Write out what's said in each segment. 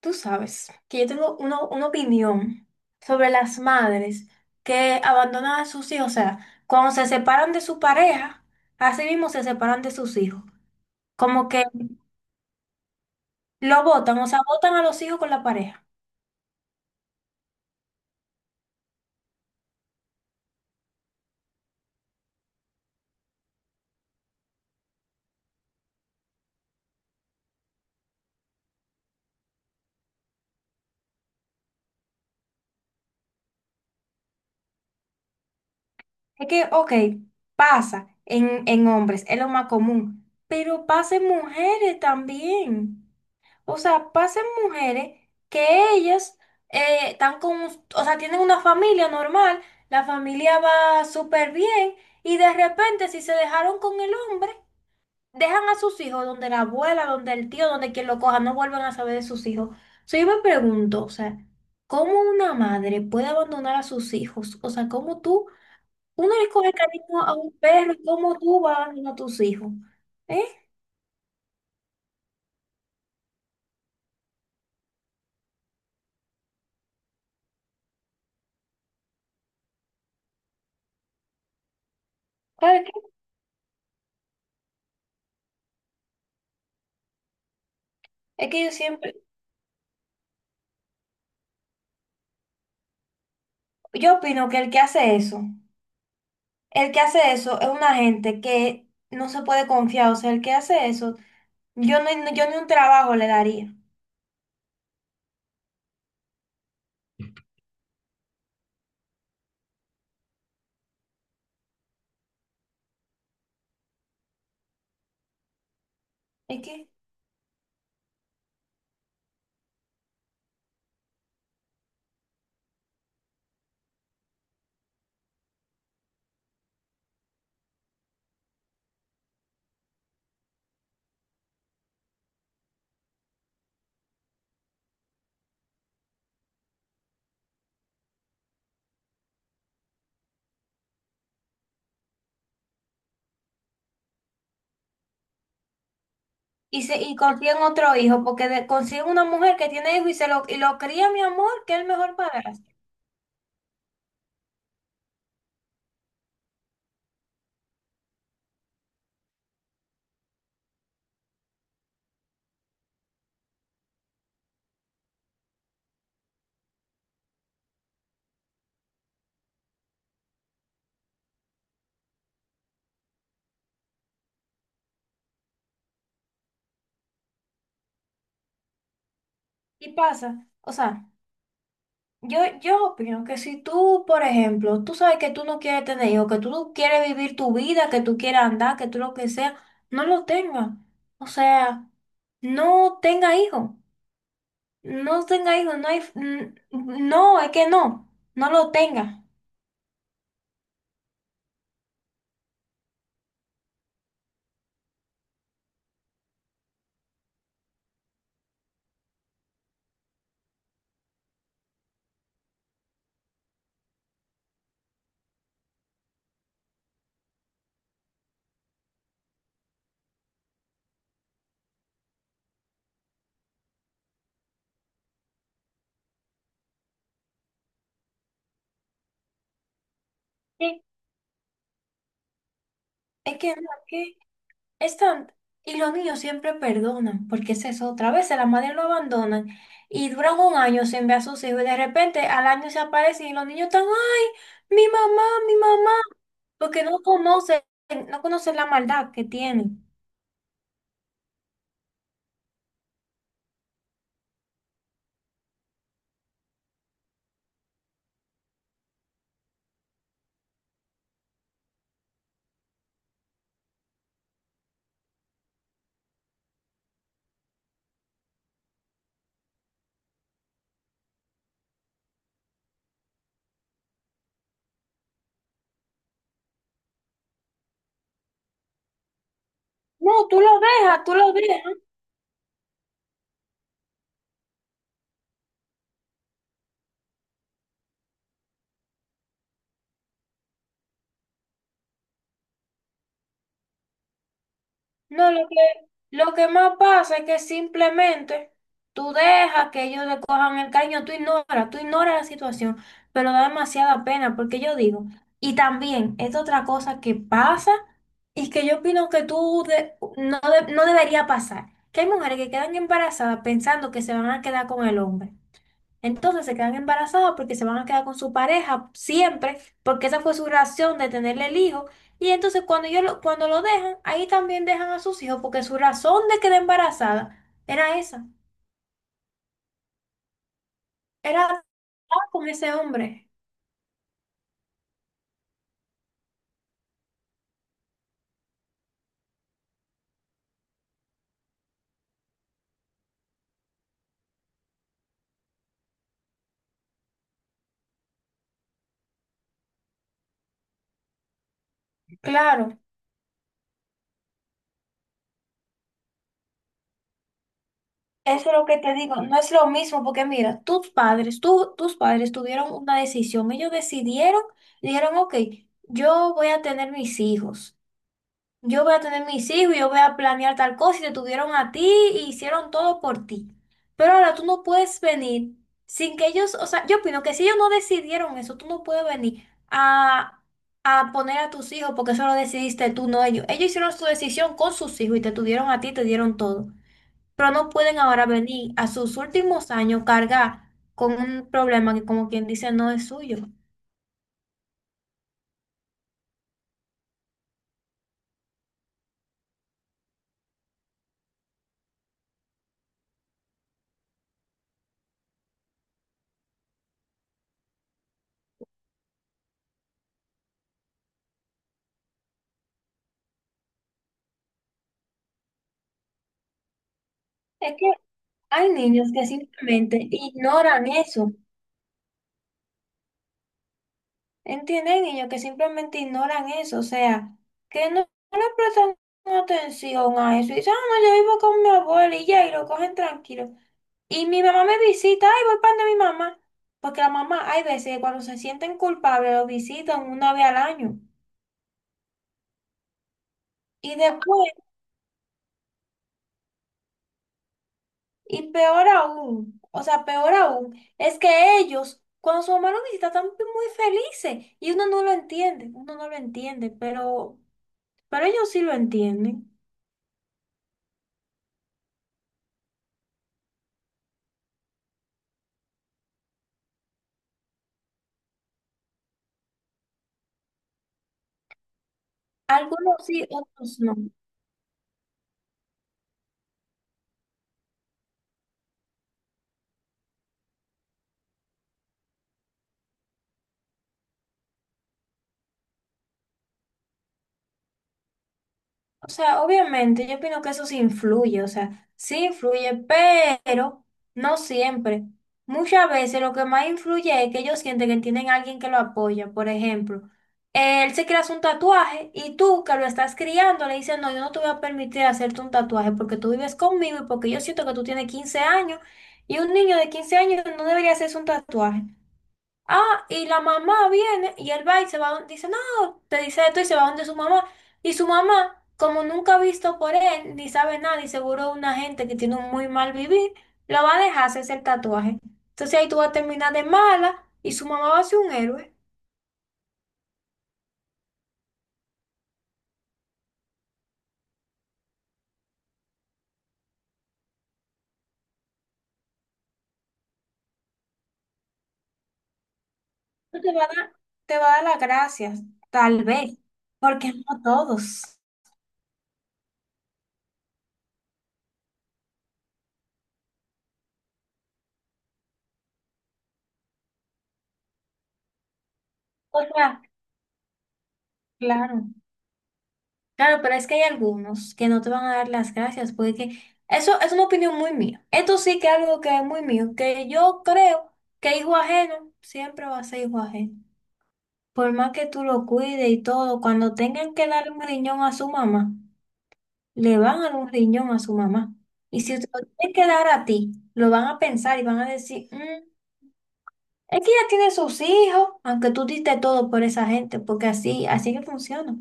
Tú sabes que yo tengo una opinión sobre las madres que abandonan a sus hijos. O sea, cuando se separan de su pareja, así mismo se separan de sus hijos. Como que lo botan, o sea, botan a los hijos con la pareja. Es que, ok, pasa en hombres, es lo más común, pero pasa en mujeres también. O sea, pasan mujeres que ellas están con, un- o sea, tienen una familia normal, la familia va súper bien y de repente si se dejaron con el hombre, dejan a sus hijos donde la abuela, donde el tío, donde quien lo coja, no vuelven a saber de sus hijos. So, yo me pregunto, o sea, ¿cómo una madre puede abandonar a sus hijos? O sea, ¿cómo tú, uno le coge cariño a un perro, ¿cómo tú vas a abandonar a tus hijos? ¿Eh? Claro que- Es que yo siempre, yo opino que el que hace eso. El que hace eso es una gente que no se puede confiar. O sea, el que hace eso, yo no, yo ni un trabajo le daría. ¿Y qué? Y, se, y consiguen otro hijo, porque de- consiguen una mujer que tiene hijo y se lo, y lo cría, mi amor, que es el mejor padrastro. Y pasa. O sea, yo opino que si tú, por ejemplo, tú sabes que tú no quieres tener hijos, que tú no quieres vivir tu vida, que tú quieres andar, que tú lo que sea, no lo tengas. O sea, no tenga hijos. No tenga hijos, no hay, n- no, es que no, no lo tenga. Sí. Es que no, es que están, y los niños siempre perdonan, porque esa es eso, otra vez las madres lo abandonan y duran un año sin ver a sus hijos y de repente al año se aparecen y los niños están, ay, mi mamá, porque no conocen, no conocen la maldad que tienen. No, tú lo dejas, tú lo dejas. No, lo que más pasa es que simplemente tú dejas que ellos le cojan el caño, tú ignoras la situación, pero da demasiada pena porque yo digo, y también es otra cosa que pasa y que yo opino que tú de- no debería pasar, que hay mujeres que quedan embarazadas pensando que se van a quedar con el hombre. Entonces se quedan embarazadas porque se van a quedar con su pareja siempre, porque esa fue su razón de tenerle el hijo. Y entonces cuando yo lo, cuando lo dejan, ahí también dejan a sus hijos, porque su razón de quedar embarazada era esa, era estar con ese hombre. Claro, eso es lo que te digo, no es lo mismo, porque mira, tus padres, tú, tus padres tuvieron una decisión, ellos decidieron, dijeron, ok, yo voy a tener mis hijos. Yo voy a tener mis hijos, y yo voy a planear tal cosa y te tuvieron a ti y hicieron todo por ti. Pero ahora tú no puedes venir sin que ellos, o sea, yo opino que si ellos no decidieron eso, tú no puedes venir a poner a tus hijos porque eso lo decidiste tú, no ellos. Ellos hicieron su decisión con sus hijos y te tuvieron a ti, te dieron todo. Pero no pueden ahora venir a sus últimos años cargar con un problema que como quien dice no es suyo. Es que hay niños que simplemente ignoran eso. ¿Entienden? Hay niños que simplemente ignoran eso, o sea, que no, no le prestan atención a eso. Y dicen, ah, no, yo vivo con mi abuela y ya, y lo cogen tranquilo. Y mi mamá me visita, ay, voy para mi mamá. Porque la mamá, hay veces que cuando se sienten culpables, lo visitan una vez al año. Y después, y peor aún, o sea, peor aún, es que ellos, cuando su mamá lo visita, están muy felices. Y uno no lo entiende, uno no lo entiende, pero ellos sí lo entienden. Algunos sí, otros no. O sea, obviamente, yo opino que eso sí influye, o sea, sí influye, pero no siempre. Muchas veces lo que más influye es que ellos sienten que tienen alguien que lo apoya. Por ejemplo, él se quiere hacer un tatuaje y tú que lo estás criando le dices, no, yo no te voy a permitir hacerte un tatuaje porque tú vives conmigo y porque yo siento que tú tienes 15 años y un niño de 15 años no debería hacerse un tatuaje. Ah, y la mamá viene y él va y se va, don- dice, no, te dice esto y se va donde su mamá. Y su mamá, como nunca ha visto por él, ni sabe nada, y seguro una gente que tiene un muy mal vivir, lo va a dejar hacerse el tatuaje. Entonces ahí tú vas a terminar de mala y su mamá va a ser un héroe. No te va a dar, te va a dar las gracias, tal vez, porque no todos. O sea, claro. Claro, pero es que hay algunos que no te van a dar las gracias, porque eso es una opinión muy mía. Esto sí que es algo que es muy mío, que yo creo que hijo ajeno siempre va a ser hijo ajeno. Por más que tú lo cuides y todo, cuando tengan que darle un riñón a su mamá, le van a dar un riñón a su mamá. Y si te lo tienen que dar a ti, lo van a pensar y van a decir, "Mm, es que ya tiene sus hijos, aunque tú diste todo por esa gente, porque así, así que funciona.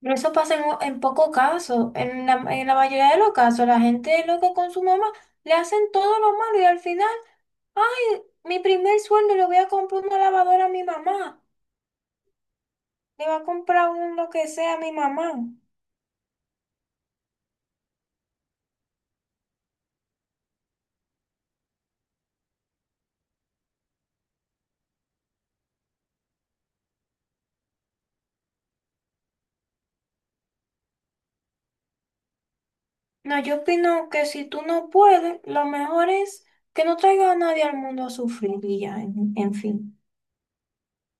Pero eso pasa en poco caso. En la mayoría de los casos, la gente loca con su mamá le hacen todo lo malo y al final, ay, mi primer sueldo le voy a comprar una lavadora a mi mamá. Le va a comprar un lo que sea a mi mamá. No, yo opino que si tú no puedes, lo mejor es que no traiga a nadie al mundo a sufrir y ya, en fin.